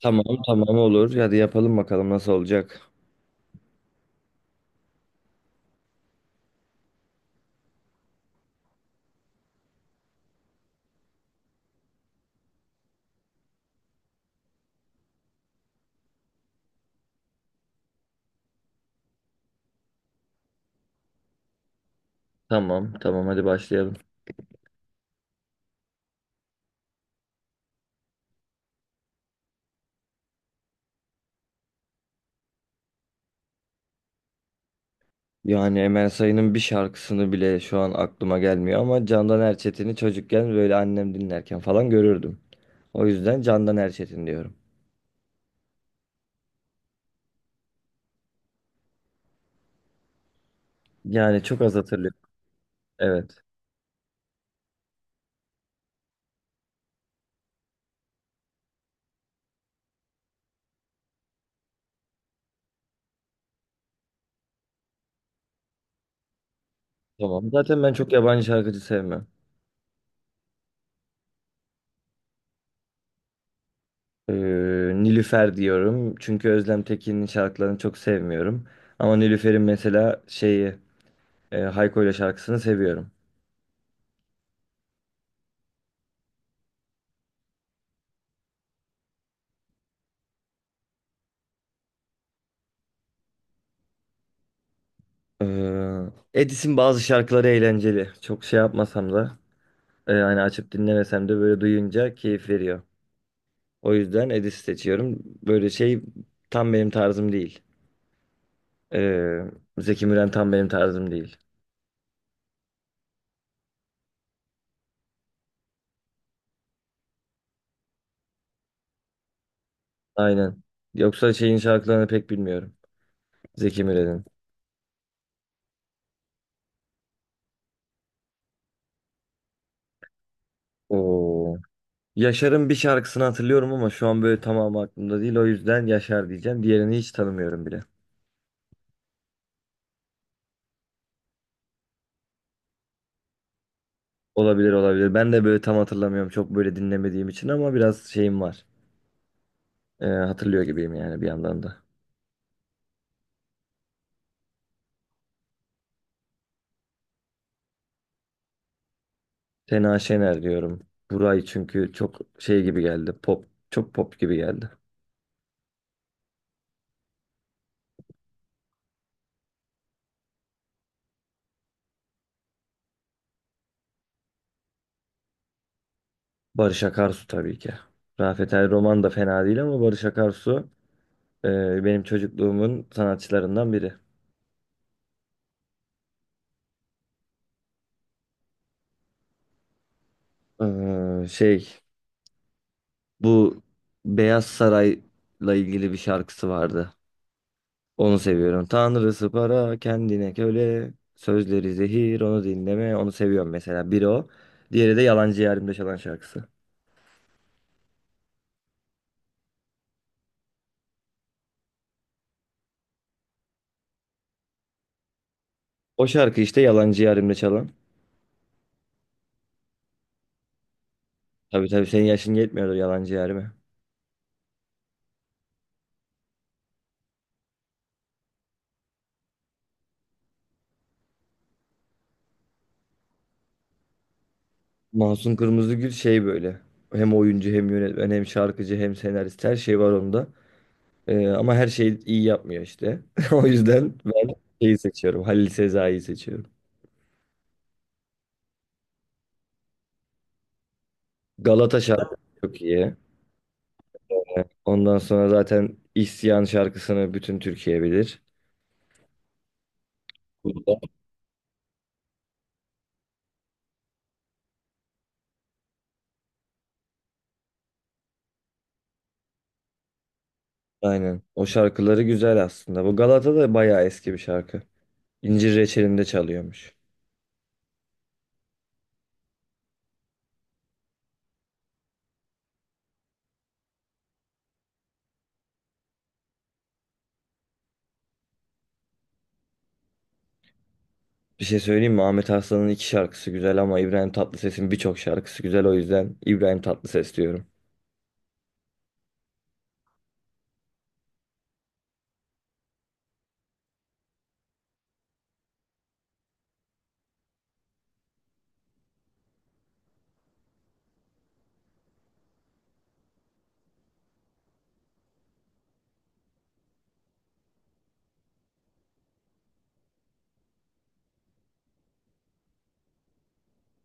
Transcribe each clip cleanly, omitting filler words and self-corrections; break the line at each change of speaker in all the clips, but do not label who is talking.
Tamam tamam olur. Hadi yapalım bakalım nasıl olacak. Tamam tamam hadi başlayalım. Yani Emel Sayın'ın bir şarkısını bile şu an aklıma gelmiyor ama Candan Erçetin'i çocukken böyle annem dinlerken falan görürdüm. O yüzden Candan Erçetin diyorum. Yani çok az hatırlıyorum. Evet. Tamam. Zaten ben çok yabancı şarkıcı sevmem. Ee, Nilüfer diyorum. Çünkü Özlem Tekin'in şarkılarını çok sevmiyorum. Ama Nilüfer'in mesela şeyi Hayko ile şarkısını seviyorum. Ee, Edis'in bazı şarkıları eğlenceli. Çok şey yapmasam da hani açıp dinlemesem de böyle duyunca keyif veriyor. O yüzden Edis seçiyorum. Böyle şey tam benim tarzım değil. Ee, Zeki Müren tam benim tarzım değil. Aynen. Yoksa şeyin şarkılarını pek bilmiyorum. Zeki Müren'in. Oo. Yaşar'ın bir şarkısını hatırlıyorum ama şu an böyle tamamı aklımda değil. O yüzden Yaşar diyeceğim. Diğerini hiç tanımıyorum bile. Olabilir olabilir. Ben de böyle tam hatırlamıyorum. Çok böyle dinlemediğim için ama biraz şeyim var. Hatırlıyor gibiyim yani bir yandan da. Sena Şener diyorum. Buray çünkü çok şey gibi geldi. Pop, çok pop gibi geldi. Barış Akarsu tabii ki. Rafet El Roman da fena değil ama Barış Akarsu benim çocukluğumun sanatçılarından biri. Şey, bu Beyaz Saray'la ilgili bir şarkısı vardı. Onu seviyorum. Tanrısı para kendine köle sözleri zehir onu dinleme onu seviyorum mesela. Biri o. Diğeri de Yalancı Yarimde çalan şarkısı. O şarkı işte Yalancı Yarim'de çalan. Tabii tabii senin yaşın yetmiyordur Yalancı Yarim'e. Mahsun Kırmızıgül şey böyle. Hem oyuncu hem yönetmen hem şarkıcı hem senarist her şey var onda. Ama her şeyi iyi yapmıyor işte. O yüzden ben şeyi seçiyorum. Halil Sezai'yi seçiyorum. Galata şarkısı çok iyi. Ondan sonra zaten İsyan şarkısını bütün Türkiye bilir. Burada. Aynen. O şarkıları güzel aslında. Bu Galata da bayağı eski bir şarkı. İncir Reçeli'nde çalıyormuş. Bir şey söyleyeyim mi? Ahmet Arslan'ın iki şarkısı güzel ama İbrahim Tatlıses'in birçok şarkısı güzel. O yüzden İbrahim Tatlıses diyorum.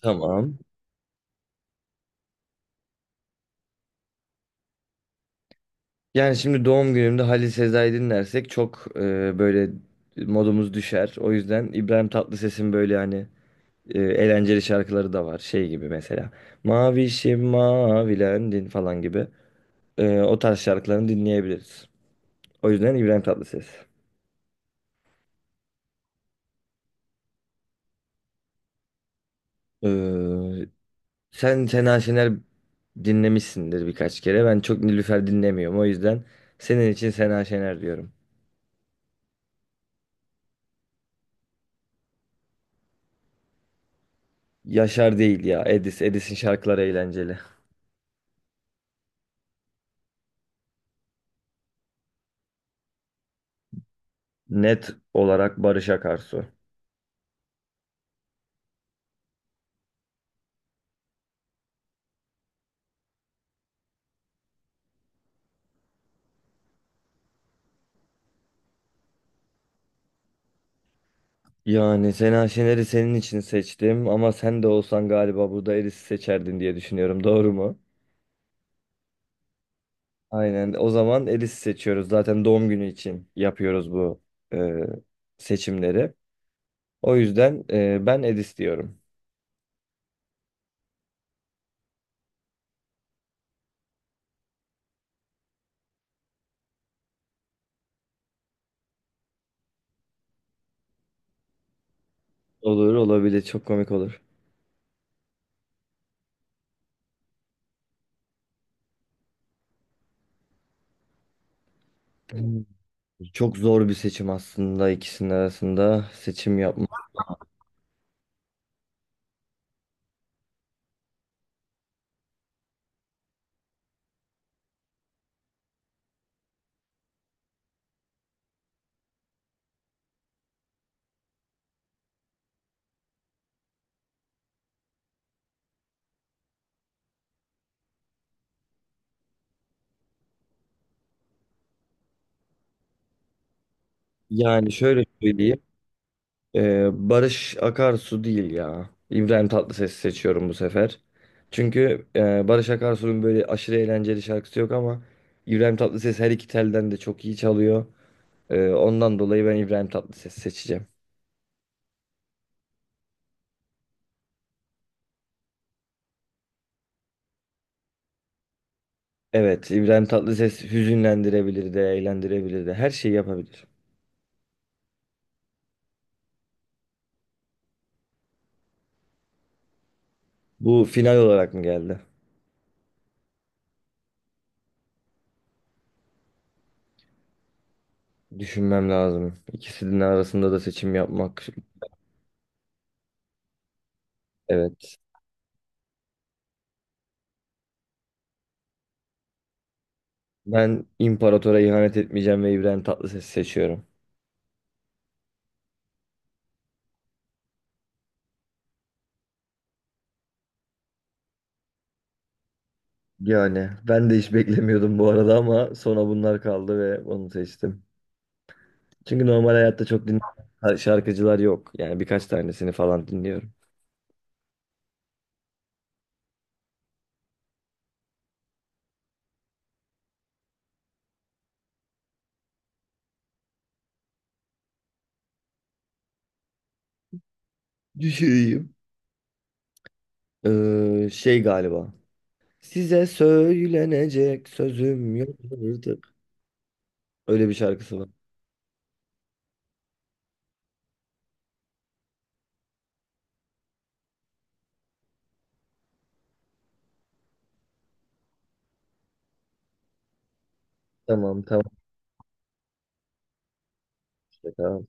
Tamam. Yani şimdi doğum günümde Halil Sezai dinlersek çok böyle modumuz düşer. O yüzden İbrahim Tatlıses'in böyle hani eğlenceli şarkıları da var. Şey gibi mesela. Mavişim mavilendin falan gibi. O tarz şarkılarını dinleyebiliriz. O yüzden İbrahim Tatlıses. Ee, Sen Sena Şener dinlemişsindir birkaç kere. Ben çok Nilüfer dinlemiyorum. O yüzden senin için Sena Şener diyorum. Yaşar değil ya. Edis. Edis'in şarkıları eğlenceli. Net olarak Barış Akarsu. Yani Sena Şener'i senin için seçtim ama sen de olsan galiba burada Edis'i seçerdin diye düşünüyorum. Doğru mu? Aynen. O zaman Edis'i seçiyoruz. Zaten doğum günü için yapıyoruz bu e, seçimleri. O yüzden ben Edis diyorum. Olur olabilir. Çok komik olur. Çok zor bir seçim aslında ikisinin arasında seçim yapmak. Yani şöyle söyleyeyim. Barış Akarsu değil ya. İbrahim Tatlıses'i seçiyorum bu sefer. Çünkü Barış Akarsu'nun böyle aşırı eğlenceli şarkısı yok ama İbrahim Tatlıses her iki telden de çok iyi çalıyor. Ondan dolayı ben İbrahim Tatlıses'i seçeceğim. Evet, İbrahim Tatlıses hüzünlendirebilir de, eğlendirebilir de, her şeyi yapabilir. Bu final olarak mı geldi? Düşünmem lazım. İkisinin arasında da seçim yapmak. Evet. Ben imparatora ihanet etmeyeceğim ve İbrahim Tatlıses'i seçiyorum. Yani ben de hiç beklemiyordum bu arada ama sonra bunlar kaldı ve onu seçtim. Çünkü normal hayatta çok din şarkıcılar yok. Yani birkaç tanesini falan dinliyorum. Düşüreyim. Şey galiba. Size söylenecek sözüm yok artık. Öyle bir şarkısı var. Tamam işte, tamam.